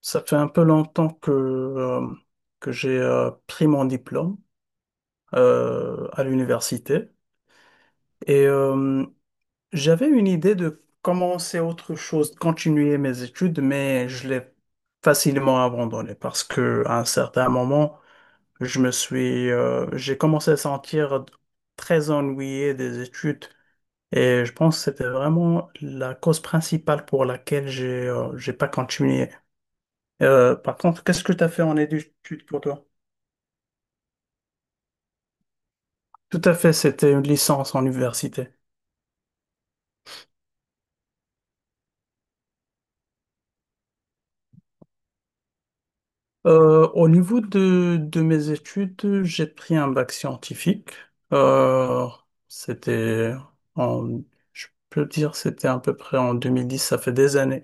Ça fait un peu longtemps que j'ai pris mon diplôme à l'université et j'avais une idée de commencer autre chose, de continuer mes études, mais je l'ai facilement abandonné parce que à un certain moment, j'ai commencé à sentir très ennuyé des études et je pense que c'était vraiment la cause principale pour laquelle j'ai pas continué. Par contre, qu'est-ce que tu as fait en études pour toi? Tout à fait, c'était une licence en université. Au niveau de mes études, j'ai pris un bac scientifique. Euh, c'était en, je peux dire, c'était à peu près en 2010. Ça fait des années,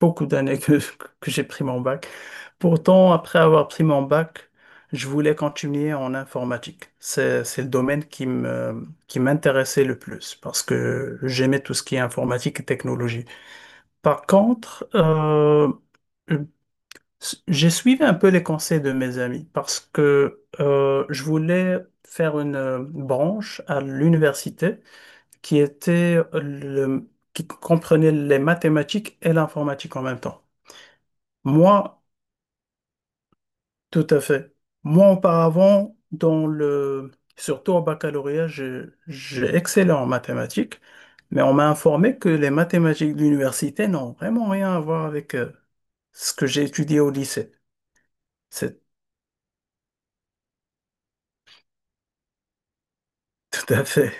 beaucoup d'années que j'ai pris mon bac. Pourtant, après avoir pris mon bac, je voulais continuer en informatique. C'est le domaine qui m'intéressait le plus parce que j'aimais tout ce qui est informatique et technologie. Par contre, j'ai suivi un peu les conseils de mes amis parce que je voulais faire une branche à l'université qui comprenait les mathématiques et l'informatique en même temps. Moi, tout à fait. Moi, auparavant, surtout au baccalauréat, j'ai excellé en mathématiques, mais on m'a informé que les mathématiques de l'université n'ont vraiment rien à voir avec ce que j'ai étudié au lycée. C'est tout à fait.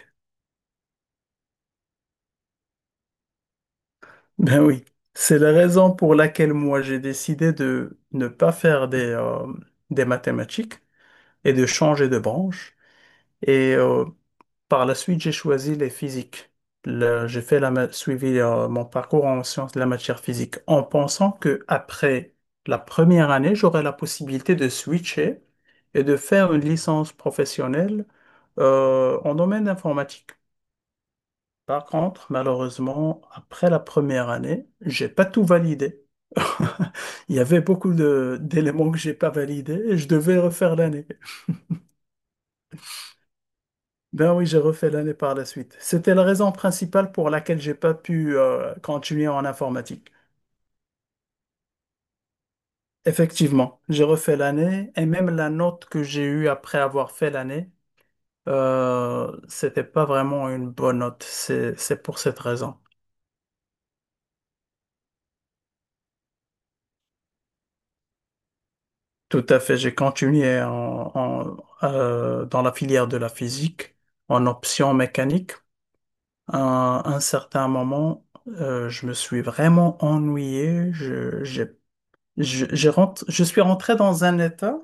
Ben oui. C'est la raison pour laquelle moi j'ai décidé de ne pas faire des mathématiques et de changer de branche. Et par la suite, j'ai choisi les physiques. J'ai fait suivi mon parcours en sciences de la matière physique en pensant que après la première année, j'aurais la possibilité de switcher et de faire une licence professionnelle en domaine informatique. Par contre, malheureusement, après la première année, j'ai pas tout validé. Il y avait beaucoup d'éléments que j'ai pas validés et je devais refaire l'année. Ben oui, j'ai refait l'année par la suite. C'était la raison principale pour laquelle j'ai pas pu continuer en informatique. Effectivement, j'ai refait l'année et même la note que j'ai eue après avoir fait l'année, c'était pas vraiment une bonne note. C'est pour cette raison. Tout à fait, j'ai continué dans la filière de la physique en option mécanique. À un certain moment, je me suis vraiment ennuyé. Je- j'ai je rentre, je suis rentré dans un état.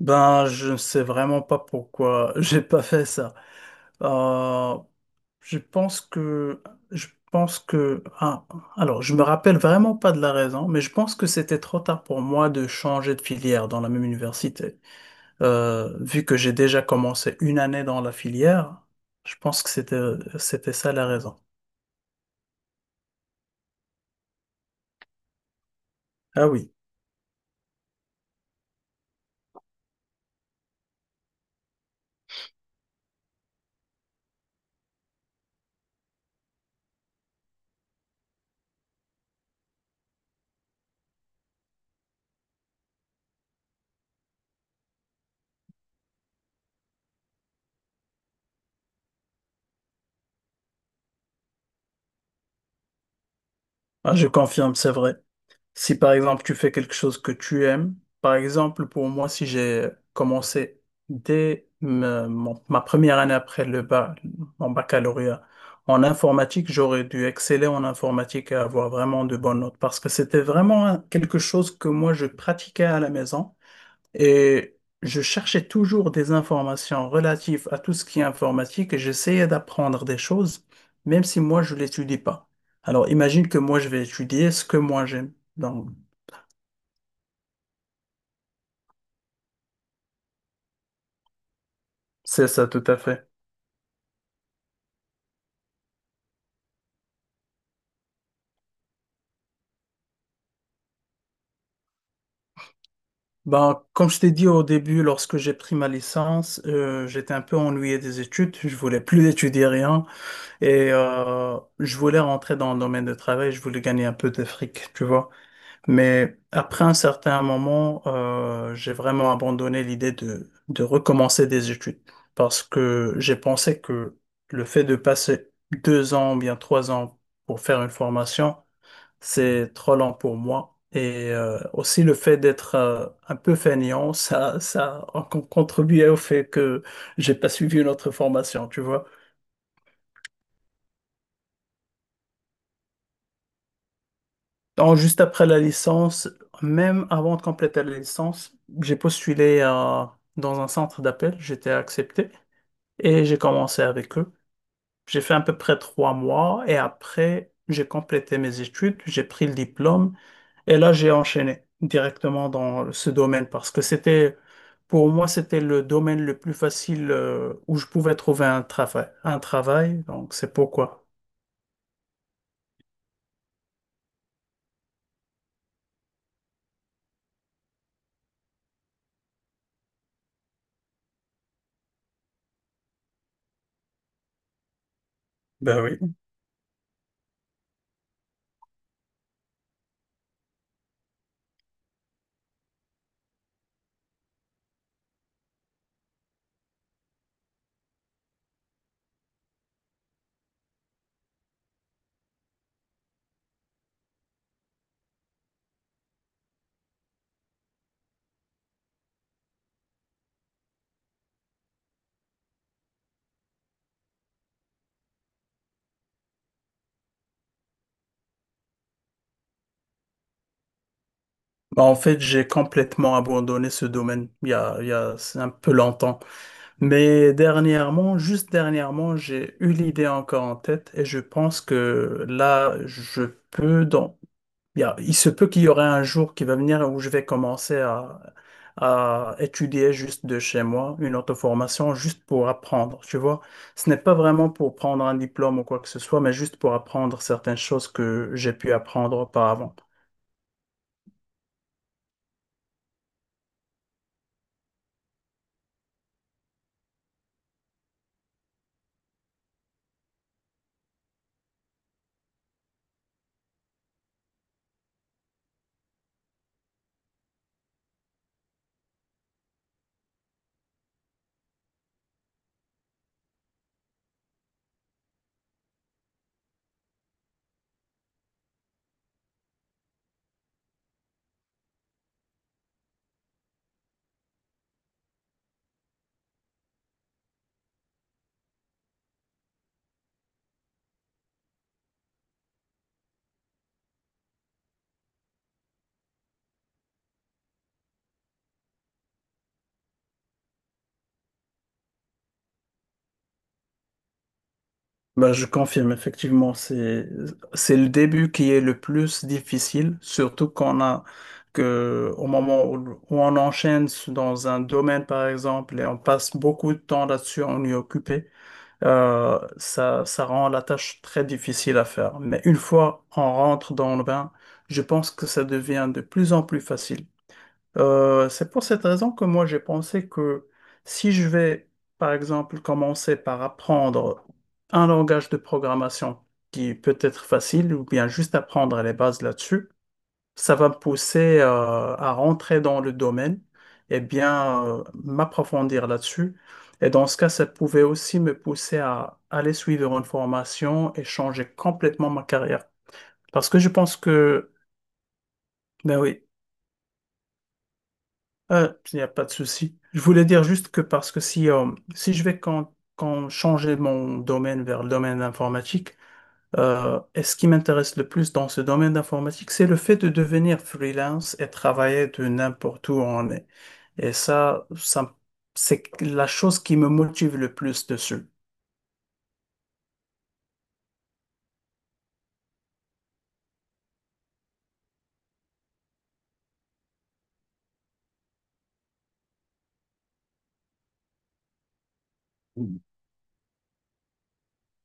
Ben, je ne sais vraiment pas pourquoi j'ai pas fait ça. Euh, je pense que, je pense que, ah, alors, je me rappelle vraiment pas de la raison, mais je pense que c'était trop tard pour moi de changer de filière dans la même université. Vu que j'ai déjà commencé une année dans la filière, je pense que c'était ça la raison. Ah oui. Ah, je confirme, c'est vrai. Si par exemple tu fais quelque chose que tu aimes, par exemple pour moi, si j'ai commencé dès ma première année après le bac, mon baccalauréat en informatique, j'aurais dû exceller en informatique et avoir vraiment de bonnes notes parce que c'était vraiment quelque chose que moi je pratiquais à la maison et je cherchais toujours des informations relatives à tout ce qui est informatique et j'essayais d'apprendre des choses même si moi je l'étudie pas. Alors imagine que moi je vais étudier ce que moi j'aime. Donc. C'est ça, tout à fait. Ben, comme je t'ai dit au début, lorsque j'ai pris ma licence, j'étais un peu ennuyé des études. Je voulais plus étudier rien et je voulais rentrer dans le domaine de travail. Je voulais gagner un peu de fric, tu vois. Mais après un certain moment, j'ai vraiment abandonné l'idée de recommencer des études parce que j'ai pensé que le fait de passer 2 ans ou bien 3 ans pour faire une formation, c'est trop lent pour moi. Et aussi le fait d'être un peu fainéant, ça a contribué au fait que j'ai pas suivi une autre formation, tu vois. Donc, juste après la licence, même avant de compléter la licence, j'ai postulé dans un centre d'appel, j'étais accepté et j'ai commencé avec eux. J'ai fait à peu près 3 mois et après, j'ai complété mes études, j'ai pris le diplôme. Et là, j'ai enchaîné directement dans ce domaine parce que c'était, pour moi, c'était le domaine le plus facile où je pouvais trouver un travail. Un travail, donc c'est pourquoi. Ben oui. Bah, en fait, j'ai complètement abandonné ce domaine il y a un peu longtemps. Mais dernièrement, juste dernièrement, j'ai eu l'idée encore en tête et je pense que là. Peux, dans, Bien, il se peut qu'il y aurait un jour qui va venir où je vais commencer à étudier juste de chez moi, une auto-formation, juste pour apprendre, tu vois. Ce n'est pas vraiment pour prendre un diplôme ou quoi que ce soit, mais juste pour apprendre certaines choses que j'ai pu apprendre auparavant. Ben, je confirme, effectivement, c'est le début qui est le plus difficile, surtout au moment où on enchaîne dans un domaine, par exemple, et on passe beaucoup de temps là-dessus, on y est occupé. Ça, ça rend la tâche très difficile à faire. Mais une fois on rentre dans le bain, je pense que ça devient de plus en plus facile. C'est pour cette raison que moi j'ai pensé que si je vais, par exemple, commencer par apprendre un langage de programmation qui peut être facile ou bien juste apprendre les bases là-dessus, ça va me pousser à rentrer dans le domaine et bien m'approfondir là-dessus. Et dans ce cas, ça pouvait aussi me pousser à aller suivre une formation et changer complètement ma carrière. Parce que je pense que, Ben oui, il n'y a pas de souci. Je voulais dire juste que parce que si je vais quand changer mon domaine vers le domaine informatique. Et ce qui m'intéresse le plus dans ce domaine d'informatique, c'est le fait de devenir freelance et travailler de n'importe où on est. Et ça, c'est la chose qui me motive le plus dessus.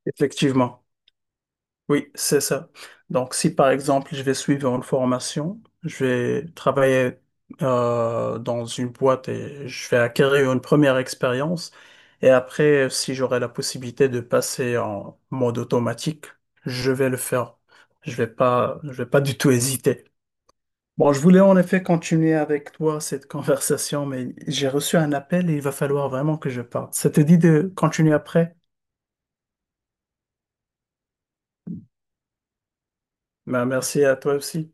Effectivement. Oui, c'est ça. Donc, si par exemple, je vais suivre une formation, je vais travailler dans une boîte et je vais acquérir une première expérience. Et après, si j'aurai la possibilité de passer en mode automatique, je vais le faire. Je vais pas du tout hésiter. Bon, je voulais en effet continuer avec toi cette conversation, mais j'ai reçu un appel et il va falloir vraiment que je parte. Ça te dit de continuer après? Ben, merci à toi aussi.